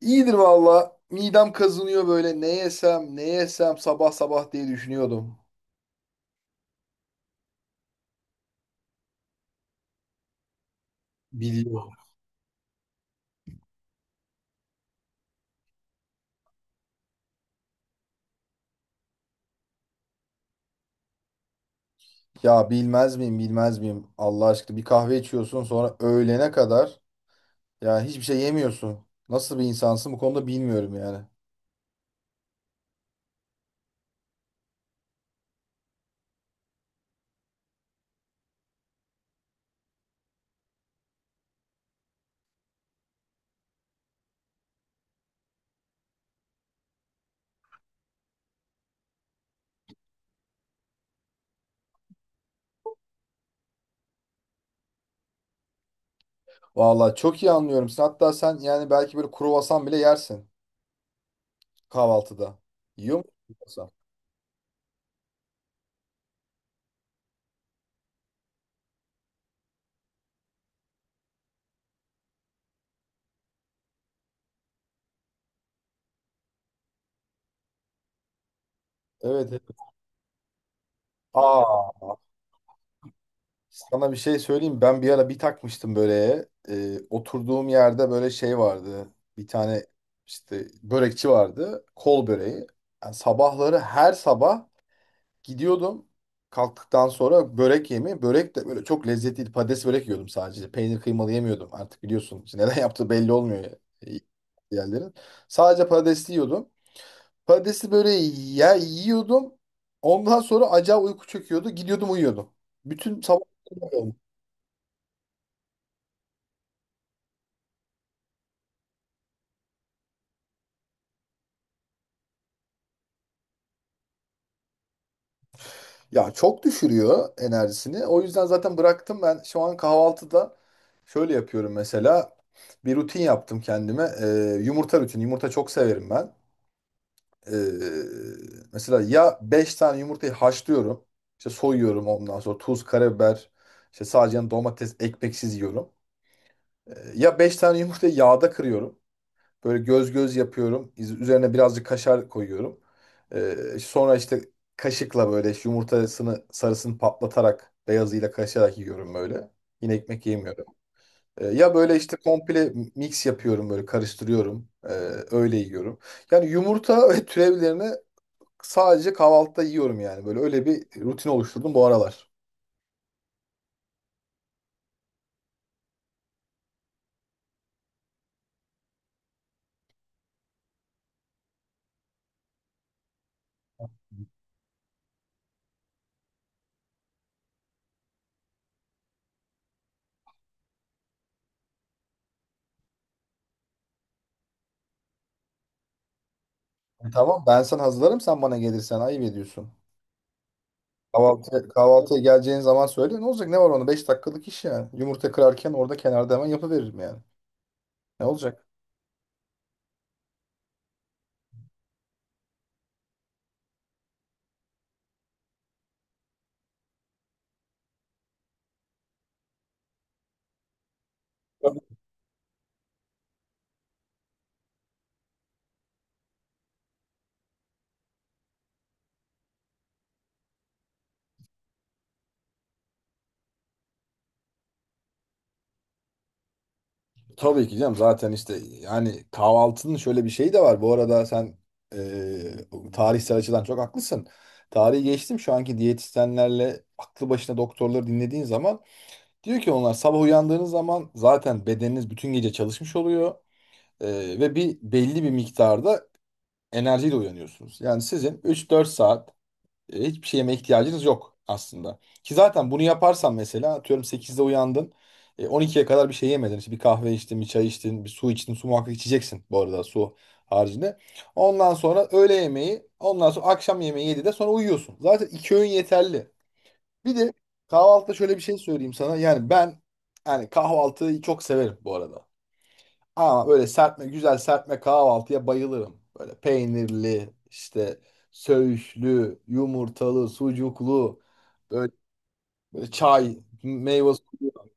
İyidir valla. Midem kazınıyor böyle. Ne yesem, ne yesem sabah sabah diye düşünüyordum. Biliyorum. Ya bilmez miyim, bilmez miyim? Allah aşkına bir kahve içiyorsun, sonra öğlene kadar ya hiçbir şey yemiyorsun. Nasıl bir insansın bu konuda bilmiyorum yani. Valla çok iyi anlıyorum. Sen, hatta sen yani belki böyle kruvasan bile yersin kahvaltıda. Yiyor musun kruvasan? Evet. Evet. Aa, sana bir şey söyleyeyim. Ben bir ara bir takmıştım böyle. Oturduğum yerde böyle şey vardı. Bir tane işte börekçi vardı. Kol böreği. Yani sabahları her sabah gidiyordum. Kalktıktan sonra börek yemi. Börek de böyle çok lezzetliydi. Patates börek yiyordum sadece. Peynir kıymalı yemiyordum. Artık biliyorsun, işte neden yaptığı belli olmuyor ya. e, Yerlerin. Sadece patatesli yiyordum. Patatesli böreği ya yiyordum. Ondan sonra acayip uyku çöküyordu. Gidiyordum, uyuyordum. Bütün sabah. Ya çok düşürüyor enerjisini. O yüzden zaten bıraktım ben. Şu an kahvaltıda şöyle yapıyorum mesela. Bir rutin yaptım kendime. Yumurta rutini. Yumurta çok severim ben. Ee, mesela ya 5 tane yumurtayı haşlıyorum. İşte soyuyorum, ondan sonra tuz, karabiber, işte sadece yanına domates, ekmeksiz yiyorum. Ya 5 tane yumurtayı yağda kırıyorum. Böyle göz göz yapıyorum. Üzerine birazcık kaşar koyuyorum. İşte sonra işte kaşıkla böyle işte yumurtasını sarısını patlatarak beyazıyla kaşarak yiyorum böyle. Yine ekmek yemiyorum. Ya böyle işte komple mix yapıyorum, böyle karıştırıyorum. Öyle yiyorum. Yani yumurta ve türevlerini sadece kahvaltıda yiyorum yani. Böyle öyle bir rutin oluşturdum bu aralar. Tamam, ben sana hazırlarım, sen bana gelirsen ayıp ediyorsun. Kahvaltıya geleceğin zaman söyle. Ne olacak? Ne var onda? 5 dakikalık iş yani. Yumurta kırarken orada kenarda hemen yapıveririm yani. Ne olacak? Tabii, tabii ki canım, zaten işte yani kahvaltının şöyle bir şeyi de var. Bu arada sen tarihsel açıdan çok haklısın. Tarihi geçtim, şu anki diyetisyenlerle aklı başına doktorları dinlediğin zaman diyor ki onlar sabah uyandığınız zaman zaten bedeniniz bütün gece çalışmış oluyor. Ve belli bir miktarda enerjiyle uyanıyorsunuz. Yani sizin üç dört saat hiçbir şey yemeye ihtiyacınız yok aslında. Ki zaten bunu yaparsan mesela atıyorum 8'de uyandın. 12'ye kadar bir şey yemedin. İşte bir kahve içtin, bir çay içtin, bir su içtin. Su muhakkak içeceksin bu arada, su haricinde. Ondan sonra öğle yemeği, ondan sonra akşam yemeği 7'de, sonra uyuyorsun. Zaten iki öğün yeterli. Bir de kahvaltıda şöyle bir şey söyleyeyim sana. Yani ben, yani kahvaltıyı çok severim bu arada. Ama böyle serpme, güzel serpme kahvaltıya bayılırım. Böyle peynirli, işte söğüşlü, yumurtalı, sucuklu, böyle, böyle çay, meyve suyu.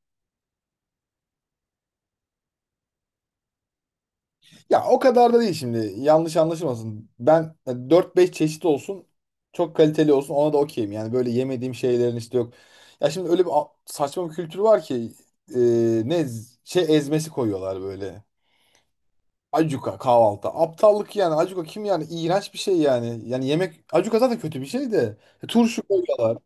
Ya o kadar da değil şimdi. Yanlış anlaşılmasın. Ben 4-5 çeşit olsun, çok kaliteli olsun, ona da okeyim. Yani böyle yemediğim şeylerin işte yok. Ya şimdi öyle bir saçma bir kültür var ki e, şey ezmesi koyuyorlar böyle. Acuka kahvaltı. Aptallık yani. Acuka kim yani? İğrenç bir şey yani. Yani yemek. Acuka zaten kötü bir şey de. Turşu koyuyorlar.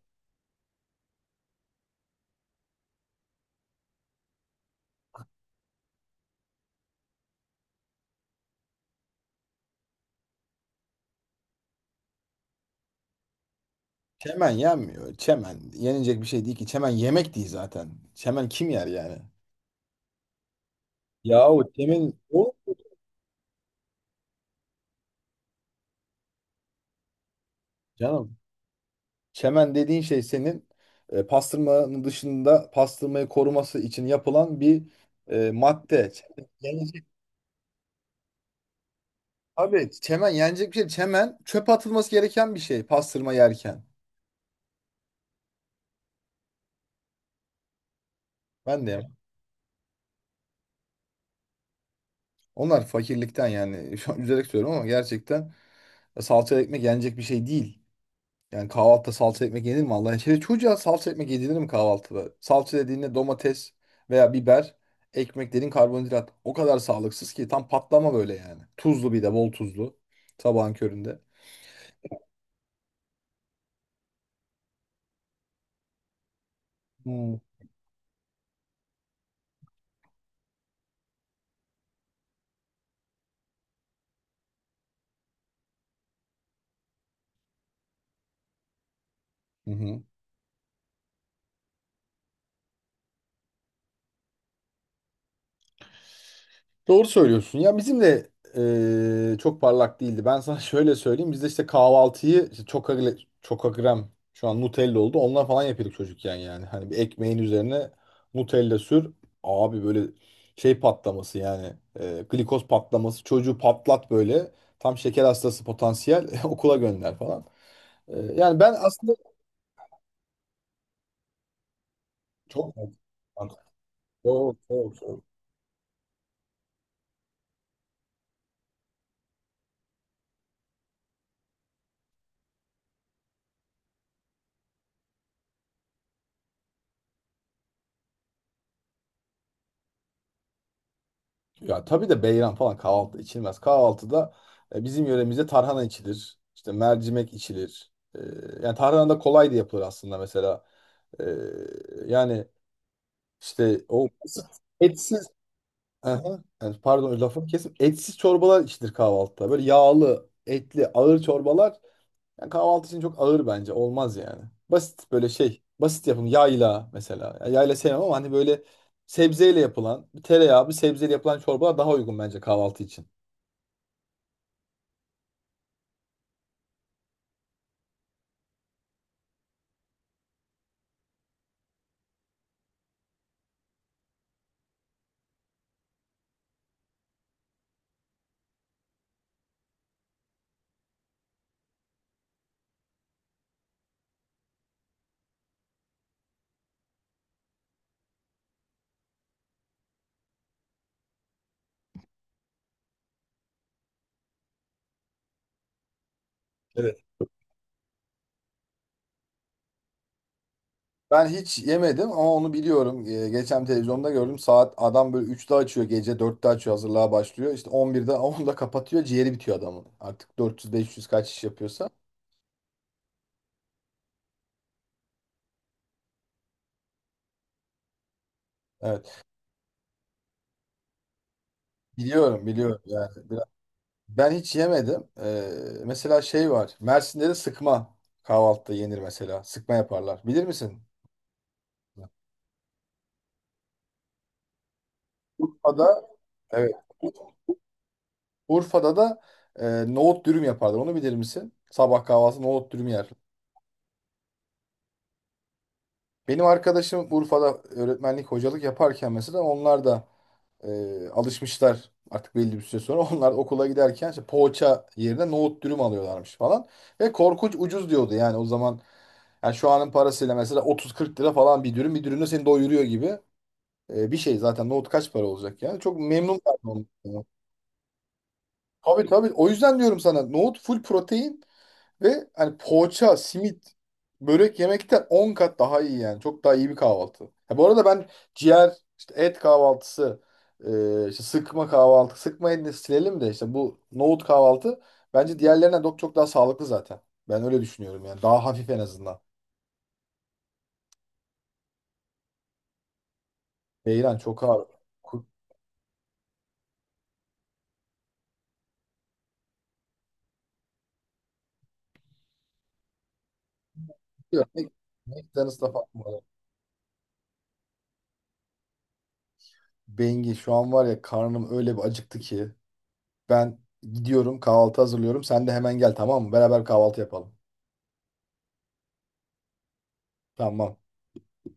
Çemen yenmiyor. Çemen yenilecek bir şey değil ki. Çemen yemek değil zaten. Çemen kim yer yani? Yahu çemen. O canım. Çemen dediğin şey senin pastırmanın dışında pastırmayı koruması için yapılan bir madde. Çemen yenecek. Abi çemen yenecek bir şey. Çemen çöpe atılması gereken bir şey pastırma yerken. Ben de. Onlar fakirlikten yani şu an üzerek söylüyorum ama gerçekten salça ekmek yenecek bir şey değil. Yani kahvaltıda salça ekmek yenir mi Allah için? Çocuğa salça ekmek yedirir mi kahvaltıda? Salça dediğinde domates veya biber, ekmek dediğin karbonhidrat. O kadar sağlıksız ki tam patlama böyle yani. Tuzlu, bir de bol tuzlu sabahın köründe. Hmm. Hı hı. Doğru söylüyorsun. Ya bizim de çok parlak değildi. Ben sana şöyle söyleyeyim. Biz de işte kahvaltıyı işte çok çokagrem şu an Nutella oldu. Ondan falan yapıyorduk çocukken yani. Hani bir ekmeğin üzerine Nutella sür. Abi böyle şey patlaması yani. Glikoz patlaması. Çocuğu patlat böyle. Tam şeker hastası potansiyel. Okula gönder falan. Yani ben aslında çok çok çok çok. Ya tabii de beyran falan kahvaltı içilmez. Kahvaltıda bizim yöremizde tarhana içilir. İşte mercimek içilir. Yani tarhana da kolay da yapılır aslında mesela. E, yani işte o etsiz. Aha, yani pardon lafımı kesim. Etsiz çorbalar içilir kahvaltıda. Böyle yağlı, etli, ağır çorbalar yani kahvaltı için çok ağır bence. Olmaz yani. Basit böyle şey. Basit yapım yayla mesela. Yani yayla sevmem ama hani böyle sebzeyle yapılan, bir tereyağı, bir sebzeyle yapılan çorbalar daha uygun bence kahvaltı için. Evet. Ben hiç yemedim ama onu biliyorum. Geçen televizyonda gördüm. Saat adam böyle 3'te açıyor, gece 4'te açıyor, hazırlığa başlıyor. İşte 11'de onda kapatıyor, ciğeri bitiyor adamın. Artık dört yüz beş yüz kaç iş yapıyorsa. Evet, biliyorum biliyorum yani. Ben hiç yemedim. Mesela şey var, Mersin'de de sıkma kahvaltıda yenir mesela. Sıkma yaparlar. Bilir misin? Urfa'da, evet. Urfa'da da nohut dürüm yaparlar. Onu bilir misin? Sabah kahvaltı nohut dürüm yer. Benim arkadaşım Urfa'da öğretmenlik, hocalık yaparken mesela onlar da alışmışlar artık belli bir süre sonra. Onlar okula giderken işte poğaça yerine nohut dürüm alıyorlarmış falan. Ve korkunç ucuz diyordu yani o zaman. Yani şu anın parasıyla mesela 30-40 lira falan bir dürüm. Bir dürümle seni doyuruyor gibi. Bir şey zaten nohut kaç para olacak yani. Çok memnun kaldım ondan. Tabii, tabii. O yüzden diyorum sana nohut full protein. Ve hani poğaça, simit, börek yemekten 10 kat daha iyi yani. Çok daha iyi bir kahvaltı. Ya bu arada ben ciğer, işte et kahvaltısı, işte sıkma kahvaltı, sıkmayı da silelim de işte bu nohut kahvaltı bence diğerlerinden çok çok daha sağlıklı zaten. Ben öyle düşünüyorum yani. Daha hafif en azından. Beyran çok ağır. Kurtuyor. Mc- McDonald's'la falan bu arada. Bengi şu an var ya karnım öyle bir acıktı ki. Ben gidiyorum kahvaltı hazırlıyorum. Sen de hemen gel, tamam mı? Beraber kahvaltı yapalım. Tamam.